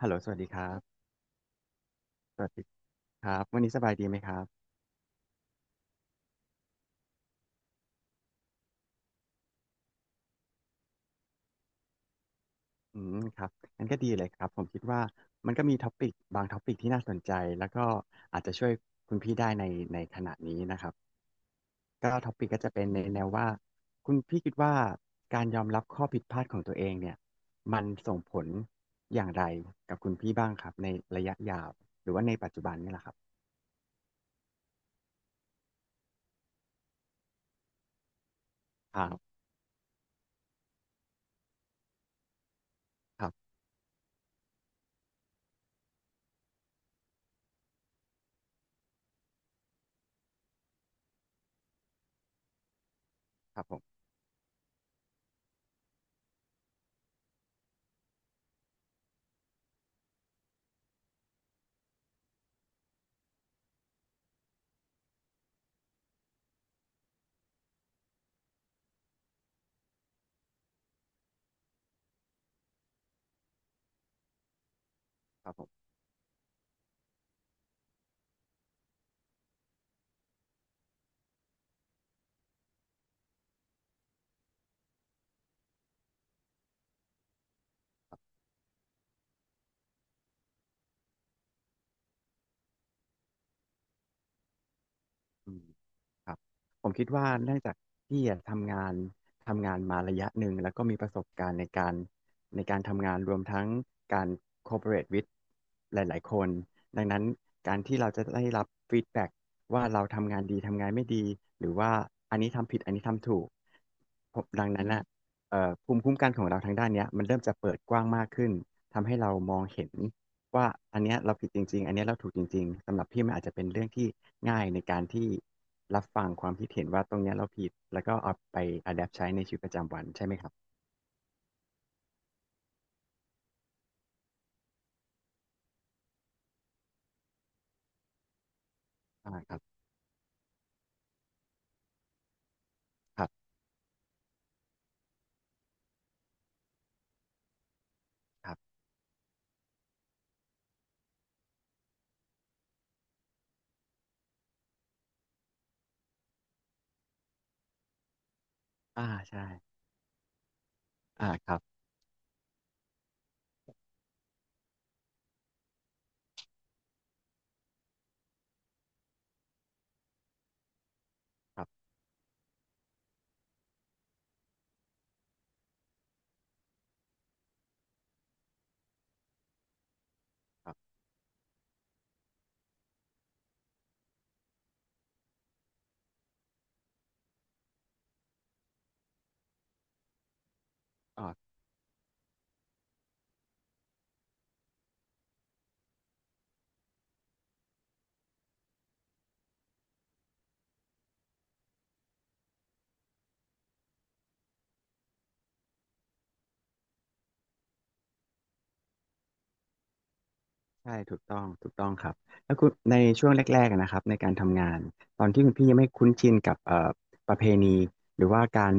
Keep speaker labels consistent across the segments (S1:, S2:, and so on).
S1: ฮัลโหลสวัสดีครับสวัสดีครับวันนี้สบายดีไหมครับอืมครับงั้นก็ดีเลยครับผมคิดว่ามันก็มีท็อปิกบางท็อปิกที่น่าสนใจ แล้วก็อาจจะช่วยคุณพี่ได้ในขณะนี้นะครับก็ท็อปิกก็จะเป็นในแนวว่าคุณพี่คิดว่าการยอมรับข้อผิดพลาดของตัวเองเนี่ยมันส่งผลอย่างไรกับคุณพี่บ้างครับในระยะยาวหรือว่าในปัจจุบันนี่แหละครับครับครับครับผมครับผม อืมครับผมคิดว่าเนื่องจากพี่อะทำงานมาระยะหนึ่งแล้วก็มีประสบการณ์ในการการทำงานรวมทั้งการ cooperate with หลายๆคนดังนั้นการที่เราจะได้รับ feedback ว่าเราทำงานดีทำงานไม่ดีหรือว่าอันนี้ทำผิดอันนี้ทำถูกผมดังนั้นน่ะภูมิคุ้มกันของเราทางด้านเนี้ยมันเริ่มจะเปิดกว้างมากขึ้นทำให้เรามองเห็น ว่าอันเนี้ยเราผิดจริงๆอันเนี้ยเราถูกจริงๆสำหรับพี่มันอาจจะเป็นเรื่องที่ง่ายในการที่รับฟังความคิดเห็นว่าตรงเนี้ยเราผิดแล้วก็เอาไป adapt ใช้ในชีวิตประจำวันใช่ไหมครับอ่าครับครับครับอ่าใช่อ่าครับครับครับอ่า ใช่ถูกต้องถูกต้องครับแล้วคุณในช่วงแรกๆอะนะครับในการทำงานตอนที่คุณพี่ยังไม่คุ้นชินกับประเพณีหรือว่าการ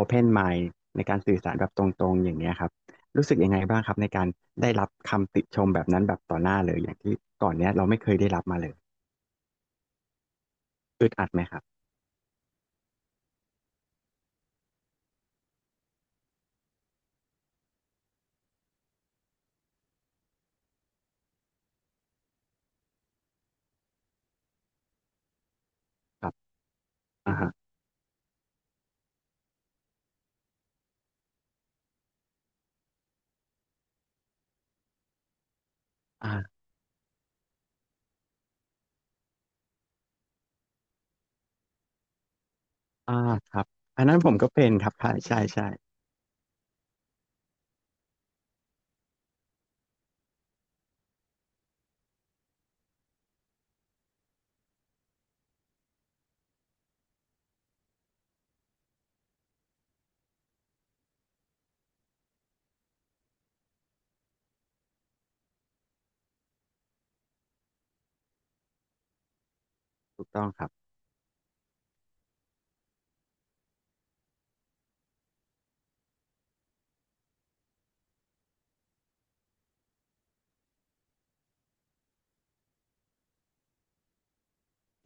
S1: Open Mind ในการสื่อสารแบบตรงๆอย่างเงี้ยครับรู้สึกยังไงบ้างครับในการได้รับคำติชมแบบนั้นแบบต่อหน้าเลยอย่างที่ก่อนเนี้ยเราไม่เคยได้รับมาเลยอึดอัดไหมครับครับอ่าฮะอ่าอ่าครับอันนั้นผมก็เป็นครับใช่ใช่ใช่ถูกต้องครับ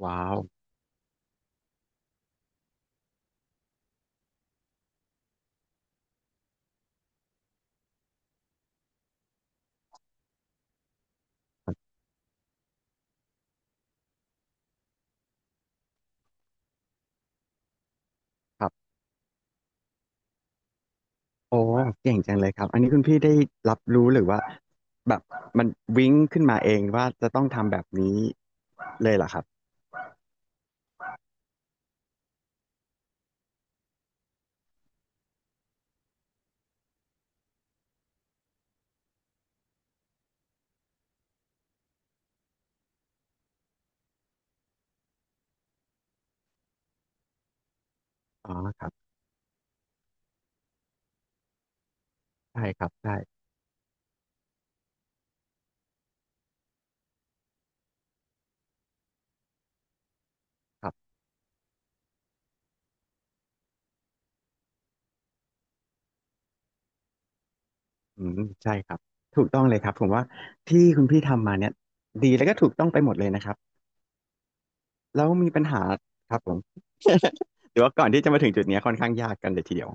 S1: ว้าว โอ้เก่งจังเลยครับอันนี้คุณพี่ได้รับรู้หรือว่าแบบมันวิ้งขึ้นมาเองว่าจะต้องทำแบบนี้เลยเหรอครับ อ๋อครับใช่ครับใช่ครับอืมใช่ครับ ถูกต้องเลยครับ ผมว่าที่คุณพี่ทำมาเนี่ยดีแล้วก็ถูกต้องไปหมดเลยนะครับแล้วมีปัญหาครับผมหรือว่าก่อนที่จะมาถึงจุดเนี้ยค่อนข้างยากกันเลยทีเดียว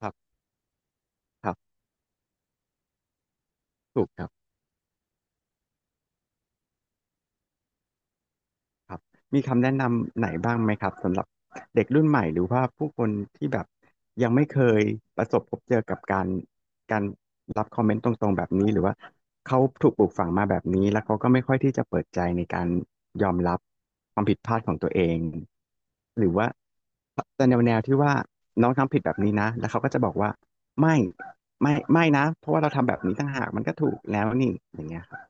S1: ครับครับถูกครับ ครับมีคำแนะนำไหนบ้างไหมครับสำหรับเด็กรุ่นใหม่หรือว่าผู้คนที่แบบยังไม่เคยประสบพบเจอกับการการรับคอมเมนต์ตรงๆแบบนี้หรือว่าเขาถูกปลูกฝังมาแบบนี้แล้วเขาก็ไม่ค่อยที่จะเปิดใจในการยอมรับความผิดพลาดของตัวเองหรือว่าจะแนวแนวที่ว่าน้องทำผิดแบบนี้นะแล้วเขาก็จะบอกว่าไม่ไม่นะเพราะว่าเราทำแบบนี้ต่างหากมันก็ถูกแล้วนี่อย่างเงี้ยครับ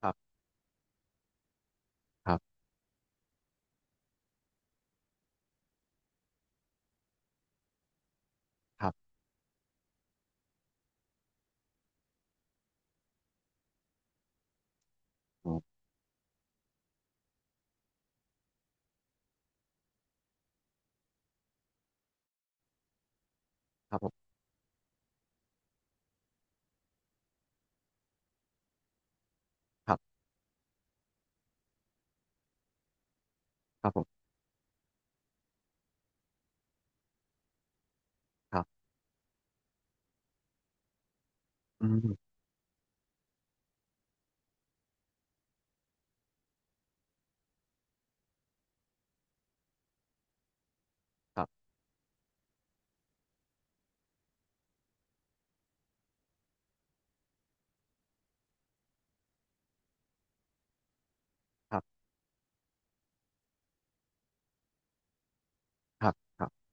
S1: ครับครับครับครับผมครับครับผมครับ อืมครับครับครับครับ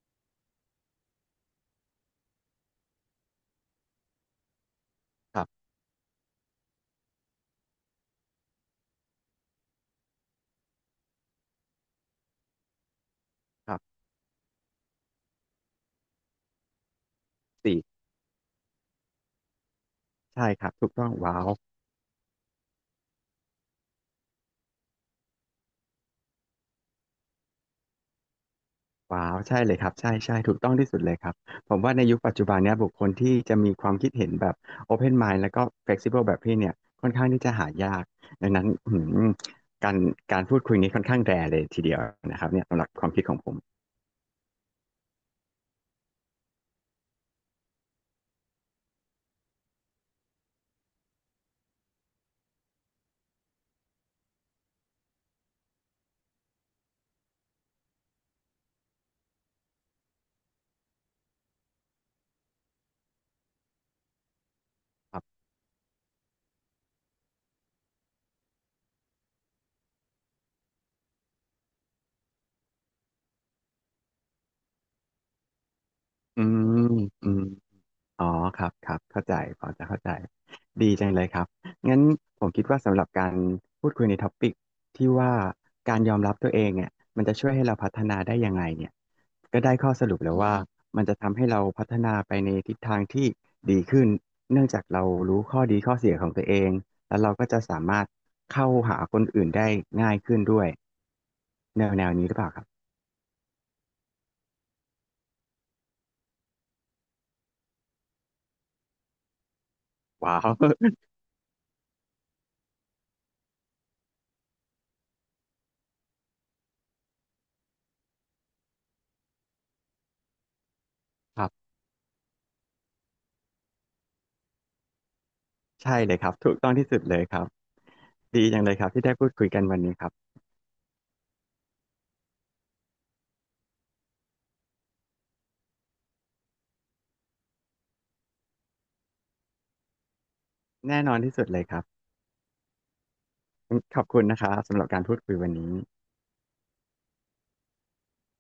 S1: ครับครับสี่ใช่ครับถูกต้องว้าวว้าวใช่เลยครับใช่ใช่ถูกต้องที่สุดเลยครับผมว่าในยุคปัจจุบันเนี้ยบุคคลที่จะมีความคิดเห็นแบบ Open Mind แล้วก็ Flexible แบบพี่เนี่ยค่อนข้างที่จะหายากดังนั้นอืมการพูดคุยนี้ค่อนข้างแรร์เลยทีเดียวนะครับเนี่ยสำหรับความคิดของผมครับอืมอืม อ๋อครับครับเข้าใจพอจะเข้าใจดีจังเลยครับงั้นผมคิดว่าสำหรับการพูดคุยในท็อปิกที่ว่าการยอมรับตัวเองเนี่ยมันจะช่วยให้เราพัฒนาได้ยังไงเนี่ยก็ได้ข้อสรุปแล้วว่ามมันจะทำให้เราพัฒนาไปในทิศทางที่ดีขึ้นเนื่องจากเรารู้ข้อดีข้อเสียของตัวเองแล้วเราก็จะสามารถเข้าหาคนอื่นได้ง่ายขึ้นด้วยแนวแนวนี้หรือเปล่าครับว้าว ครับใช่เลยครับถูกต้องที่สุดเลยครับดีจังเลยครับที่ได้พูดคุยกันวันนี้ครับ แน่นอนที่สุดเลยครับ ขอบคุณนะครับสำหรับการพูดคุยวันนี้